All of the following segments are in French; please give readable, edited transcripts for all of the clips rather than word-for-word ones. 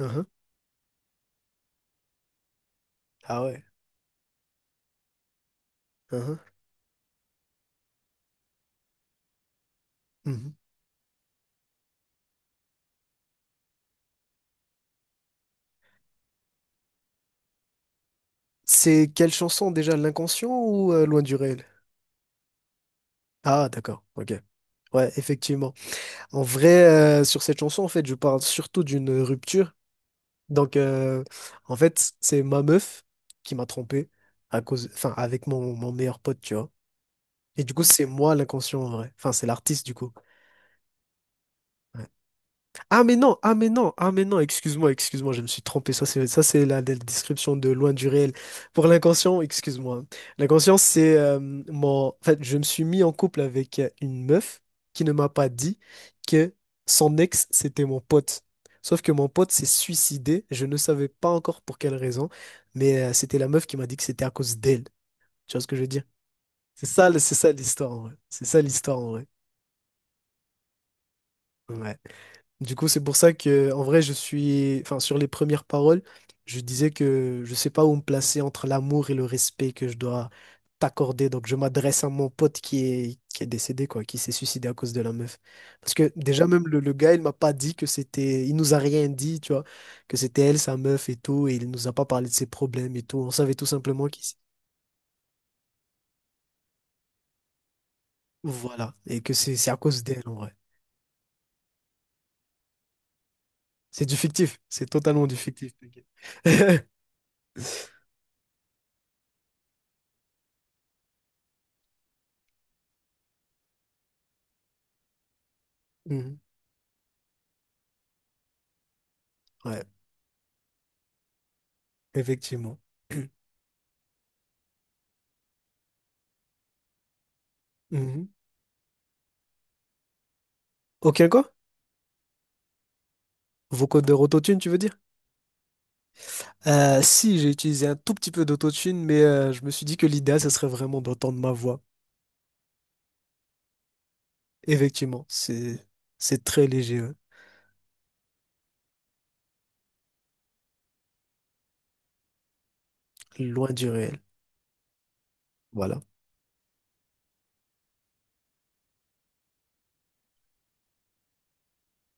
Uhum. Ah ouais. Uhum. Mhm. C'est quelle chanson déjà, L'inconscient ou Loin du réel? Ah d'accord, ok. Ouais, effectivement. En vrai, sur cette chanson, en fait, je parle surtout d'une rupture. Donc, en fait, c'est ma meuf qui m'a trompé à cause, enfin, avec mon meilleur pote, tu vois. Et du coup, c'est moi l'inconscient en vrai. Enfin, c'est l'artiste du coup. Ah mais non, ah mais non, ah mais non, excuse-moi, excuse-moi, je me suis trompé. Ça c'est la description de Loin du réel. Pour L'inconscient, excuse-moi. L'inconscient, c'est en fait, je me suis mis en couple avec une meuf qui ne m'a pas dit que son ex c'était mon pote. Sauf que mon pote s'est suicidé. Je ne savais pas encore pour quelle raison, mais c'était la meuf qui m'a dit que c'était à cause d'elle. Tu vois ce que je veux dire? C'est ça, c'est ça l'histoire en vrai. C'est ça l'histoire en vrai. Ouais. Du coup, c'est pour ça que, en vrai, je suis, enfin, sur les premières paroles, je disais que je sais pas où me placer entre l'amour et le respect que je dois t'accorder. Donc, je m'adresse à mon pote qui est décédé, quoi, qui s'est suicidé à cause de la meuf. Parce que déjà, même le gars, il m'a pas dit que c'était, il nous a rien dit, tu vois, que c'était elle, sa meuf et tout, et il nous a pas parlé de ses problèmes et tout. On savait tout simplement qu'il, voilà, et que c'est à cause d'elle, en vrai. C'est du fictif, c'est totalement du fictif. T'inquiète. Mhm. Ouais. Effectivement. Mhm. Ok, quoi? Vocaux de rototune, tu veux dire? Si, j'ai utilisé un tout petit peu d'autotune, mais je me suis dit que l'idéal, ça serait vraiment d'entendre ma voix. Effectivement, c'est très léger, hein, Loin du réel. Voilà.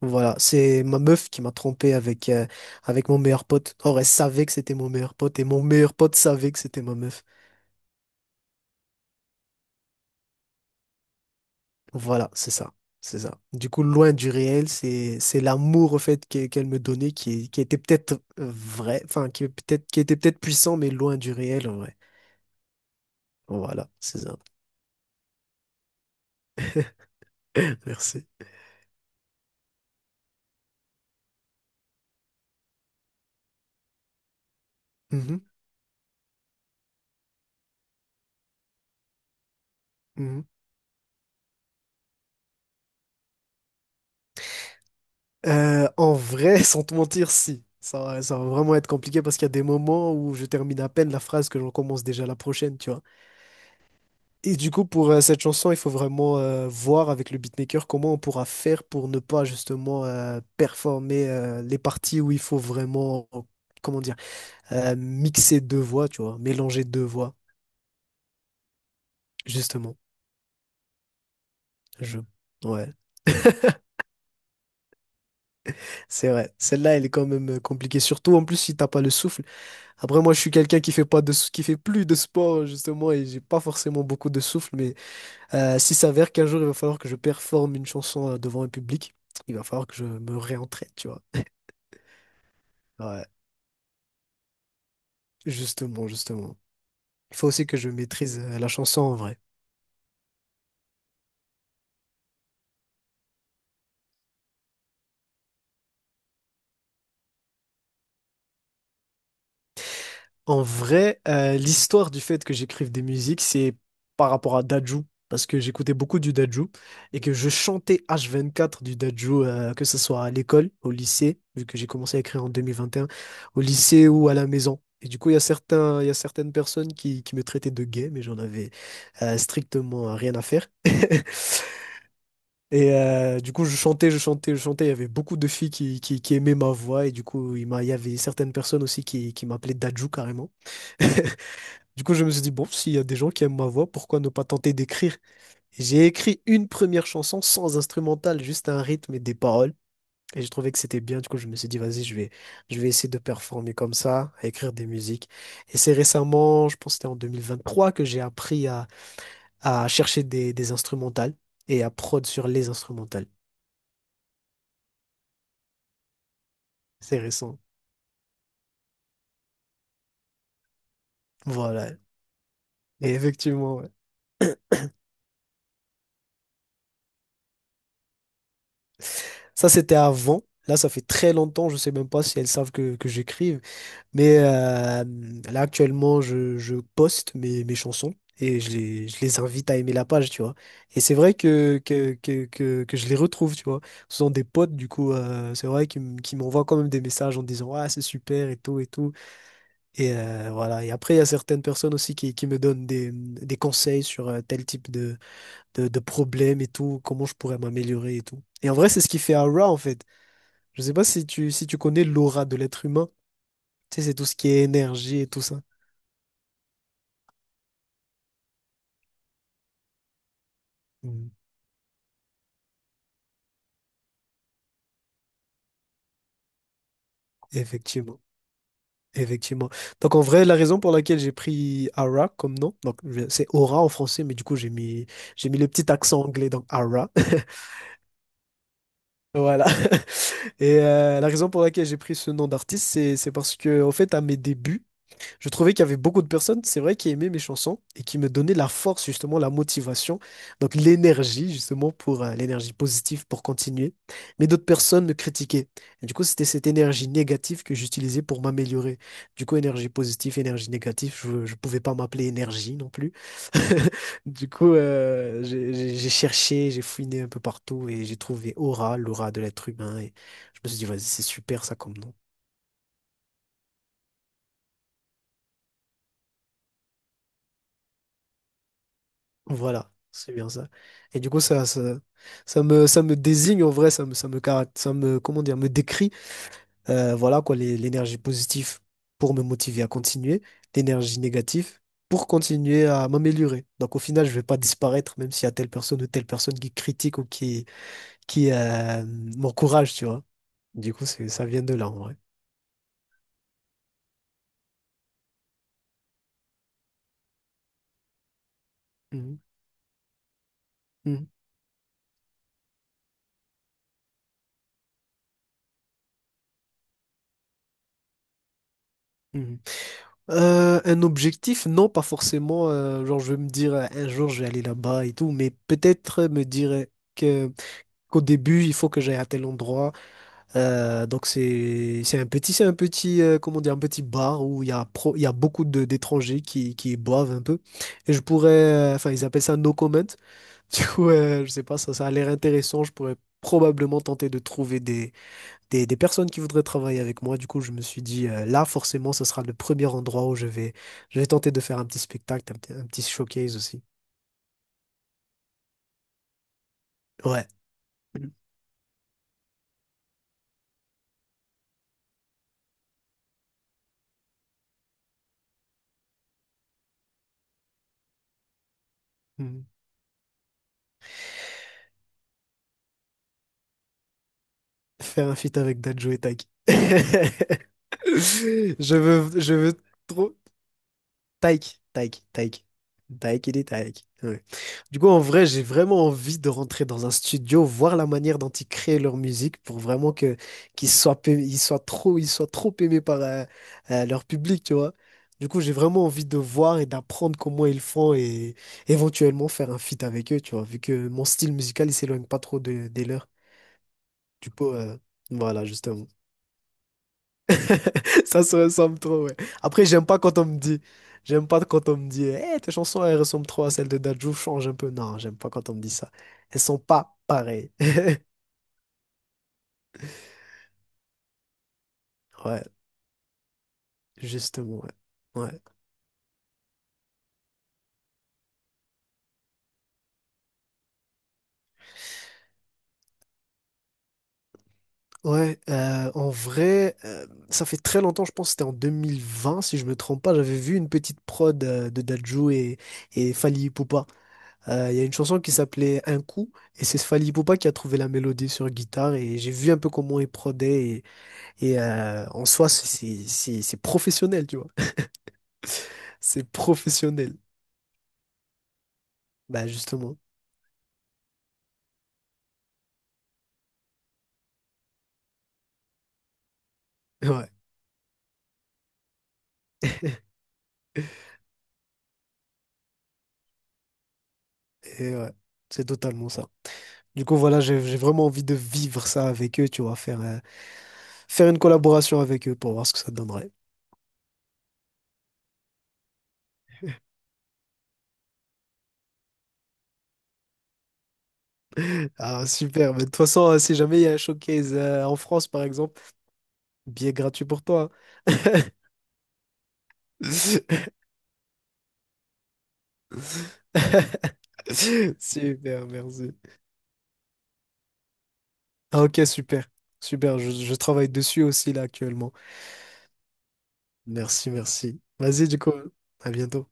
Voilà, c'est ma meuf qui m'a trompé avec mon meilleur pote. Or, elle savait que c'était mon meilleur pote et mon meilleur pote savait que c'était ma meuf. Voilà, c'est ça. C'est ça. Du coup, Loin du réel, c'est l'amour au fait qu'elle me donnait qui était peut-être vrai, enfin qui était peut-être puissant, mais loin du réel en vrai. Voilà, c'est ça. Merci. Mhm, mhm. En vrai, sans te mentir, si. Ça va vraiment être compliqué parce qu'il y a des moments où je termine à peine la phrase que j'en commence déjà la prochaine, tu vois. Et du coup, pour cette chanson, il faut vraiment voir avec le beatmaker comment on pourra faire pour ne pas justement performer les parties où il faut vraiment, comment dire, mixer deux voix, tu vois, mélanger deux voix, justement. Je... Ouais, c'est vrai. Celle-là, elle est quand même compliquée, surtout en plus si t'as pas le souffle. Après, moi, je suis quelqu'un qui fait pas qui fait plus de sport, justement, et j'ai pas forcément beaucoup de souffle, mais s'il s'avère qu'un jour, il va falloir que je performe une chanson devant un public, il va falloir que je me réentraîne, tu vois. Ouais. Justement, justement. Il faut aussi que je maîtrise la chanson en vrai. En vrai, l'histoire du fait que j'écrive des musiques, c'est par rapport à Dadju, parce que j'écoutais beaucoup du Dadju et que je chantais H24 du Dadju, que ce soit à l'école, au lycée, vu que j'ai commencé à écrire en 2021, au lycée ou à la maison. Et du coup, il y a certaines personnes qui me traitaient de gay, mais j'en avais strictement rien à faire. Et du coup, je chantais, je chantais, je chantais. Il y avait beaucoup de filles qui aimaient ma voix. Et du coup, il y avait certaines personnes aussi qui m'appelaient Dadju carrément. Du coup, je me suis dit, bon, s'il y a des gens qui aiment ma voix, pourquoi ne pas tenter d'écrire? Et j'ai écrit une première chanson sans instrumental, juste un rythme et des paroles. Et j'ai trouvé que c'était bien. Du coup, je me suis dit, vas-y, je vais essayer de performer comme ça, à écrire des musiques. Et c'est récemment, je pense que c'était en 2023, que j'ai appris à chercher des instrumentales et à prod sur les instrumentales. C'est récent. Voilà, et effectivement. Ouais. Ça, c'était avant. Là, ça fait très longtemps. Je sais même pas si elles savent que j'écrive. Mais là, actuellement, je poste mes chansons et je les invite à aimer la page, tu vois. Et c'est vrai que je les retrouve, tu vois. Ce sont des potes, du coup, c'est vrai qu'ils m'envoient quand même des messages en disant, Ah, c'est super et tout et tout. Et voilà. Et après, il y a certaines personnes aussi qui me donnent des conseils sur tel type de problèmes et tout, comment je pourrais m'améliorer et tout. Et en vrai, c'est ce qui fait Aura, en fait. Je sais pas si tu connais l'aura de l'être humain. Tu sais, c'est tout ce qui est énergie et tout ça. Mm. Effectivement. Effectivement. Donc en vrai, la raison pour laquelle j'ai pris Aura comme nom, donc c'est aura en français, mais du coup j'ai mis le petit accent anglais donc Aura. Voilà. Et la raison pour laquelle j'ai pris ce nom d'artiste, c'est parce que au fait à mes débuts, je trouvais qu'il y avait beaucoup de personnes, c'est vrai, qui aimaient mes chansons et qui me donnaient la force, justement, la motivation, donc l'énergie, justement, pour l'énergie positive pour continuer. Mais d'autres personnes me critiquaient. Et du coup, c'était cette énergie négative que j'utilisais pour m'améliorer. Du coup, énergie positive, énergie négative, je ne pouvais pas m'appeler énergie non plus. Du coup, j'ai cherché, j'ai fouiné un peu partout et j'ai trouvé aura, l'aura de l'être humain. Et je me suis dit, vas-y, c'est super ça comme nom. Voilà, c'est bien ça. Et du coup, ça me désigne en vrai, ça me, comment dire, me décrit, voilà quoi, l'énergie positive pour me motiver à continuer, l'énergie négative pour continuer à m'améliorer. Donc au final, je vais pas disparaître, même s'il y a telle personne ou telle personne qui critique ou qui m'encourage, tu vois. Du coup, ça vient de là en vrai. Mhm, mhm, mhm. Un objectif, non, pas forcément. Genre, je vais me dire un jour je vais aller là-bas et tout, mais peut-être me dire que qu'au début il faut que j'aille à tel endroit. Donc c'est un petit comment dire un petit bar où il y a beaucoup de d'étrangers qui boivent un peu et je pourrais enfin ils appellent ça no comment. Du coup, je sais pas, ça a l'air intéressant. Je pourrais probablement tenter de trouver des personnes qui voudraient travailler avec moi. Du coup, je me suis dit, là, forcément, ce sera le premier endroit où je vais tenter de faire un petit spectacle, un petit showcase aussi. Ouais. Mhm. Faire un feat avec Dadju et Taki. Je veux trop. Taïk, Taïk, Taïk. Taïk, il est Taïk. Ouais. Du coup, en vrai, j'ai vraiment envie de rentrer dans un studio, voir la manière dont ils créent leur musique pour vraiment que qu'ils soient, pa- ils soient trop aimés par leur public, tu vois. Du coup, j'ai vraiment envie de voir et d'apprendre comment ils font et éventuellement faire un feat avec eux, tu vois, vu que mon style musical, il s'éloigne pas trop des leurs. Du coup, voilà, justement. Ça se ressemble trop, ouais. Après, j'aime pas quand on me dit, eh, tes chansons, elles ressemblent trop à celles de Dadju, change un peu. Non, j'aime pas quand on me dit ça. Elles sont pas pareilles. Ouais, justement, ouais. Ouais, ouais en vrai, ça fait très longtemps, je pense que c'était en 2020, si je me trompe pas, j'avais vu une petite prod de Dadju et Fally Ipupa. Il y a une chanson qui s'appelait Un coup, et c'est Fally Ipupa qui a trouvé la mélodie sur guitare, et j'ai vu un peu comment il prodait, et en soi, c'est professionnel, tu vois. C'est professionnel. Bah justement. Ouais. Et ouais. C'est totalement ça. Du coup, voilà, j'ai vraiment envie de vivre ça avec eux, tu vois, faire une collaboration avec eux pour voir ce que ça donnerait. Ah, super. Mais de toute façon, si jamais il y a un showcase en France, par exemple, billet gratuit pour toi. Hein. Super, merci. Ah, ok, super. Super, je travaille dessus aussi là actuellement. Merci, merci. Vas-y, du coup, à bientôt.